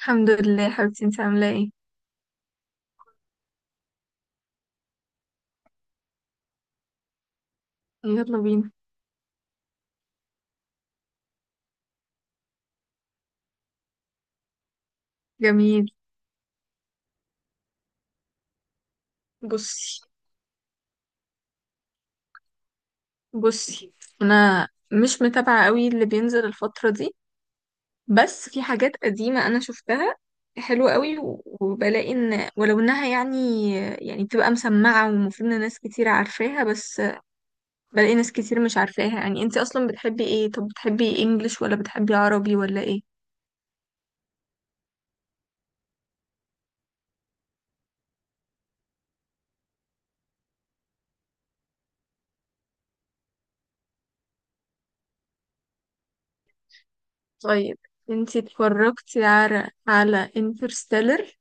الحمد لله حبيبتي، انت عاملة ايه؟ يلا بينا. جميل. بصي بصي، انا مش متابعة قوي اللي بينزل الفترة دي، بس في حاجات قديمة انا شفتها حلوة قوي وبلاقي ان ولو انها يعني بتبقى مسمعة ومفروض ان ناس كتير عارفاها، بس بلاقي ناس كتير مش عارفاها. يعني انت اصلا بتحبي ايه؟ طب بتحبي انجليش ولا بتحبي عربي ولا ايه؟ طيب انت اتفرجتي على انترستيلر؟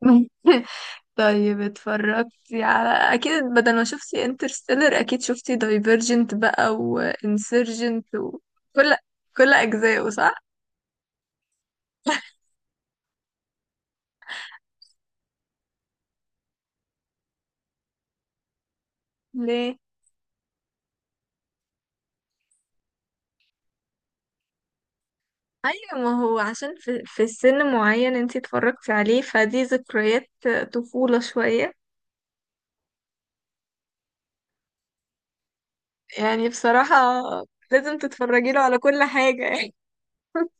طيب اتفرجتي على، اكيد بدل ما شفتي انترستيلر اكيد شفتي دايفرجنت بقى وانسرجنت وكل كل اجزائه، صح؟ ليه؟ ايوه، ما هو عشان في سن معين انتي اتفرجتي عليه، فدي ذكريات طفولة شوية. يعني بصراحة لازم تتفرجي له على كل حاجة يعني.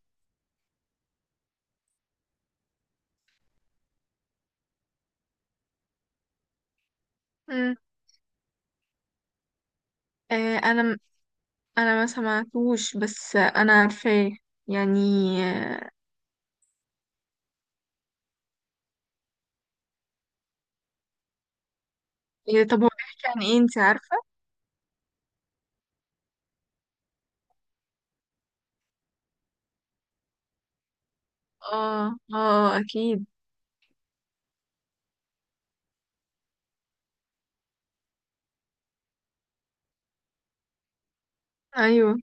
مم. انا، انا ما سمعتوش بس انا عارفاه يعني. آه، طب هو بيحكي عن ايه، انتي عارفة؟ اه اه اكيد. ايوه،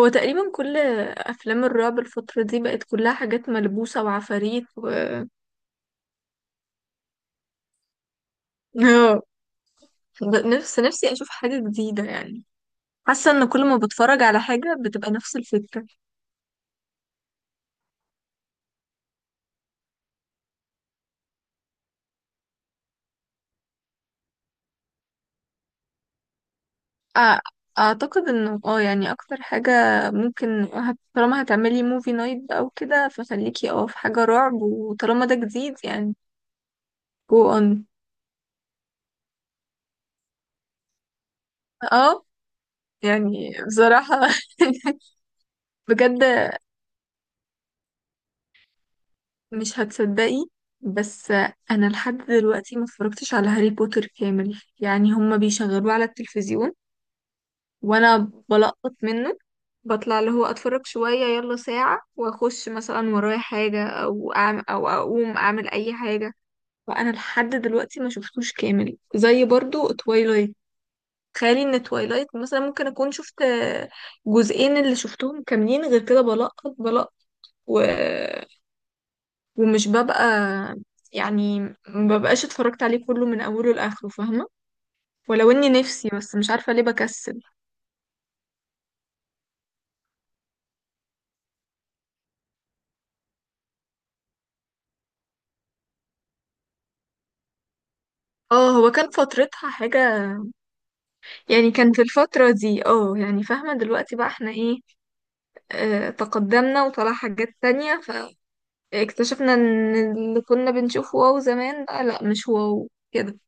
هو تقريبا كل افلام الرعب الفترة دي بقت كلها حاجات ملبوسة وعفاريت و آه. نفس نفسي اشوف حاجة جديدة يعني. حاسة ان كل ما بتفرج على حاجة بتبقى نفس الفكرة. أع- اعتقد انه، اه يعني اكتر حاجة ممكن طالما هتعملي موفي نايت او كده، فخليكي اه في حاجة رعب، وطالما ده جديد يعني. go on. اه يعني بصراحة. بجد مش هتصدقي، بس انا لحد دلوقتي ما اتفرجتش على هاري بوتر كامل. يعني هما بيشغلوه على التلفزيون وانا بلقط منه، بطلع اللي هو اتفرج شوية يلا ساعة واخش مثلا ورايا حاجة او أعم او اقوم اعمل اي حاجة. فانا لحد دلوقتي ما شفتوش كامل، زي برضو تويلايت. تخيلي ان تويلايت مثلا ممكن اكون شفت جزئين اللي شفتهم كاملين، غير كده بلقط بلقط. ومش ببقى، يعني ما ببقاش اتفرجت عليه كله من اوله لاخره، فاهمه؟ ولو اني نفسي، بس مش عارفه ليه بكسل. اه، هو كان فترتها حاجه، يعني كان في الفتره دي اه، يعني فاهمه دلوقتي بقى احنا ايه، اه تقدمنا وطلع حاجات تانية، فاكتشفنا ان اللي كنا بنشوفه واو زمان بقى لا مش واو كده.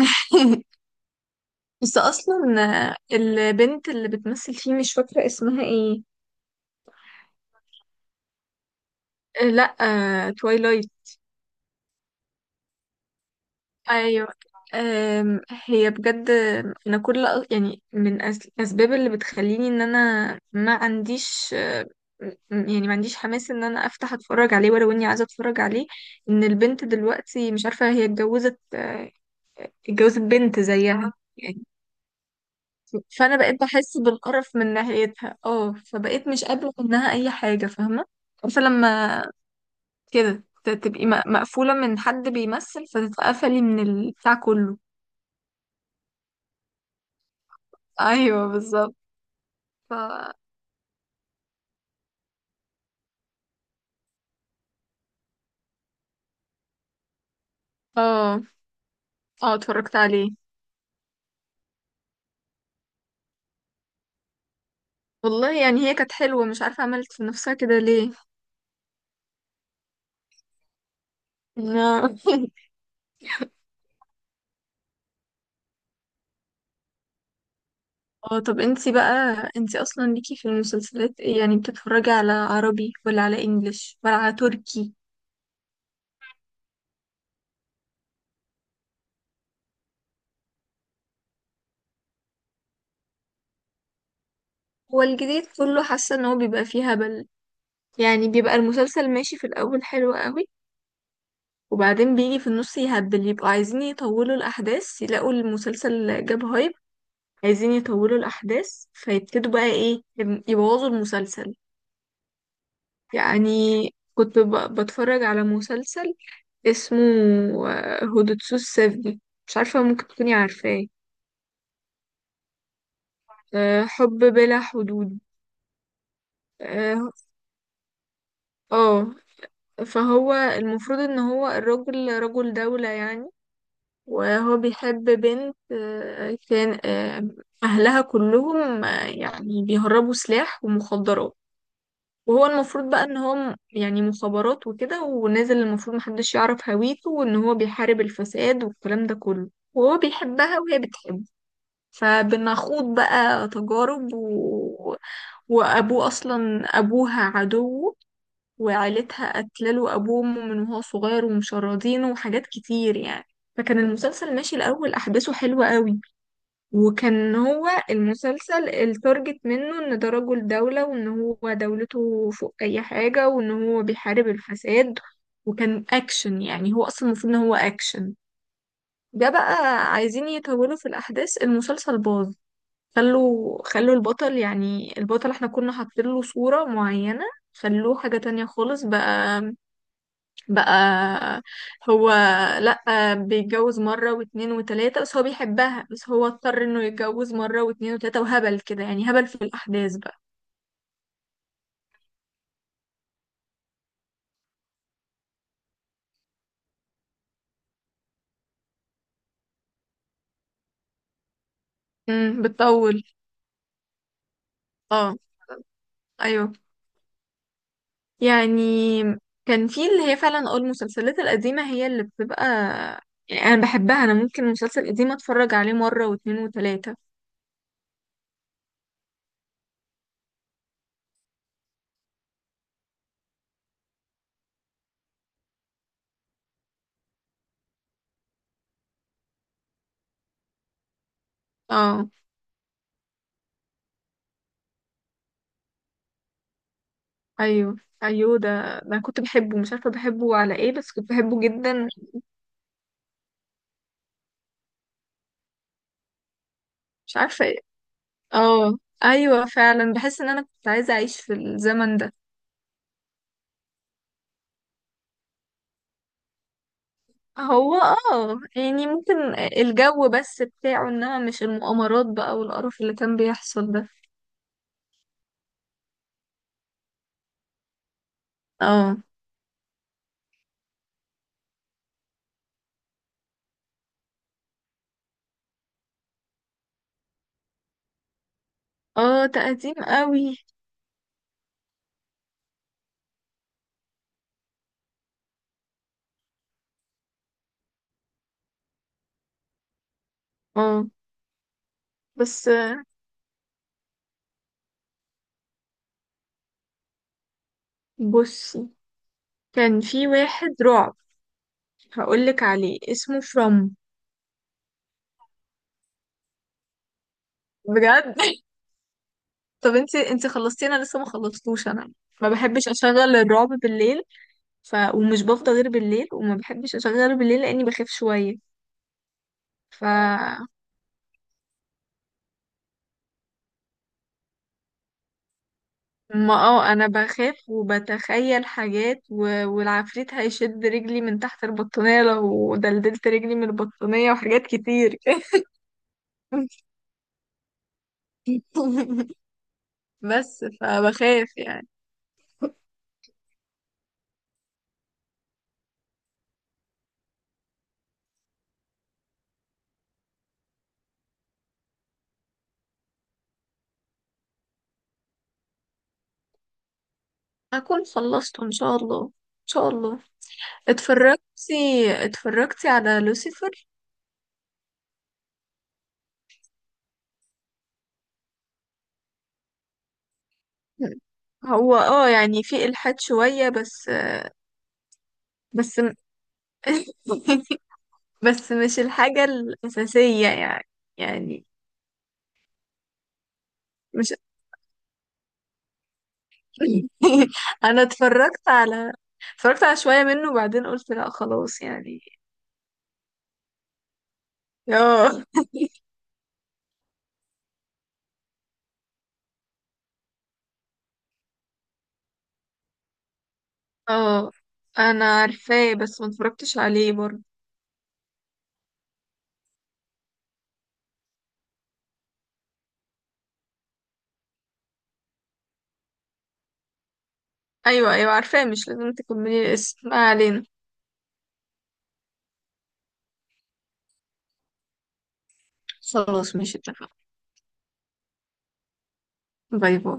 بس اصلا البنت اللي بتمثل فيه مش فاكره اسمها ايه. لا، توايلايت. ايوه. هي بجد، انا كل، يعني من الاسباب اللي بتخليني ان انا ما عنديش م- يعني ما عنديش حماس ان انا افتح اتفرج عليه، ولو اني عايزه اتفرج عليه، ان البنت دلوقتي مش عارفه هي اتجوزت اتجوزت بنت زيها يعني. فانا بقيت بحس بالقرف من ناحيتها، اه فبقيت مش قابله منها اي حاجه، فاهمه؟ عارفه لما كده تبقي مقفوله من حد بيمثل، فتتقفلي من البتاع كله. ايوه بالظبط. ف اه. اه اتفرجت عليه. والله يعني هي كانت حلوة، مش عارفة عملت في نفسها كده ليه. لا. اه طب انتي بقى، انتي اصلا ليكي في المسلسلات ايه؟ يعني بتتفرجي على عربي ولا على انجليش ولا على تركي؟ هو الجديد كله حاسة ان هو بيبقى فيه هبل. يعني بيبقى المسلسل ماشي في الاول حلو قوي، وبعدين بيجي في النص يهبل، يبقوا عايزين يطولوا الاحداث يلاقوا المسلسل جاب هايب، عايزين يطولوا الاحداث، فيبتدوا بقى ايه، يبوظوا المسلسل. يعني كنت بتفرج على مسلسل اسمه هودوتسو السفجي، مش عارفة ممكن تكوني عارفاه. حب بلا حدود. اه. آه، فهو المفروض ان هو الراجل رجل دولة يعني، وهو بيحب بنت، كان اهلها كلهم يعني بيهربوا سلاح ومخدرات، وهو المفروض بقى ان هو يعني مخابرات وكده ونازل، المفروض محدش يعرف هويته وان هو بيحارب الفساد والكلام ده كله. وهو بيحبها وهي بتحبه، فبنخوض بقى تجارب وابوه اصلا، ابوها عدوه وعيلتها قتلوا ابوه من وهو صغير ومشردينه وحاجات كتير يعني. فكان المسلسل ماشي الاول احداثه حلوة قوي، وكان هو المسلسل التارجت منه ان ده رجل دولة وان هو دولته فوق اي حاجة وان هو بيحارب الفساد، وكان اكشن، يعني هو اصلا المفروض ان هو اكشن. ده بقى عايزين يطولوا في الاحداث، المسلسل باظ. خلوا البطل، يعني البطل احنا كنا حاطين له صورة معينة، خلوه حاجة تانية خالص بقى. بقى هو لأ بيتجوز مرة واتنين وتلاتة، بس هو بيحبها، بس هو اضطر انه يتجوز مرة واتنين وتلاتة، وهبل كده يعني، هبل في الأحداث بقى. بتطول. اه ايوه يعني، كان في اللي هي فعلا اه المسلسلات القديمة هي اللي بتبقى، يعني انا بحبها، انا ممكن مسلسل قديم اتفرج عليه مرة واتنين وتلاتة. اه ايوه. ايوه ده، ده أنا كنت بحبه، مش عارفة بحبه على ايه بس كنت بحبه جدا. مش عارفة. اه ايوه فعلا، بحس ان انا كنت عايزه اعيش في الزمن ده. هو اه يعني ممكن الجو بس بتاعه، انما مش المؤامرات بقى والقرف اللي كان بيحصل ده. اه اه تقديم قوي. اه بس بصي، كان في واحد رعب هقولك عليه، اسمه فروم. بجد. طب انتي، انتي خلصتي؟ انا لسه ما خلصتوش. انا ما بحبش اشغل الرعب بالليل، ومش بفضى غير بالليل، وما بحبش اشغله بالليل لاني بخاف شويه. ف ما اه انا بخاف وبتخيل حاجات والعفريت هيشد رجلي من تحت البطانية لو دلدلت رجلي من البطانية، وحاجات كتير. بس فبخاف يعني. اكون خلصته ان شاء الله، ان شاء الله. اتفرجتي، اتفرجتي على لوسيفر؟ هو اه يعني في الحاد شوية بس، بس بس مش الحاجة الأساسية يعني، يعني مش انا اتفرجت على، اتفرجت على شوية منه وبعدين قلت لا خلاص يعني. اه. اه انا عارفاه بس ما اتفرجتش عليه برضه. ايوه ايوه عارفاه، مش لازم تكملي الاسم، ما علينا. خلاص ماشي اتفقنا. باي باي.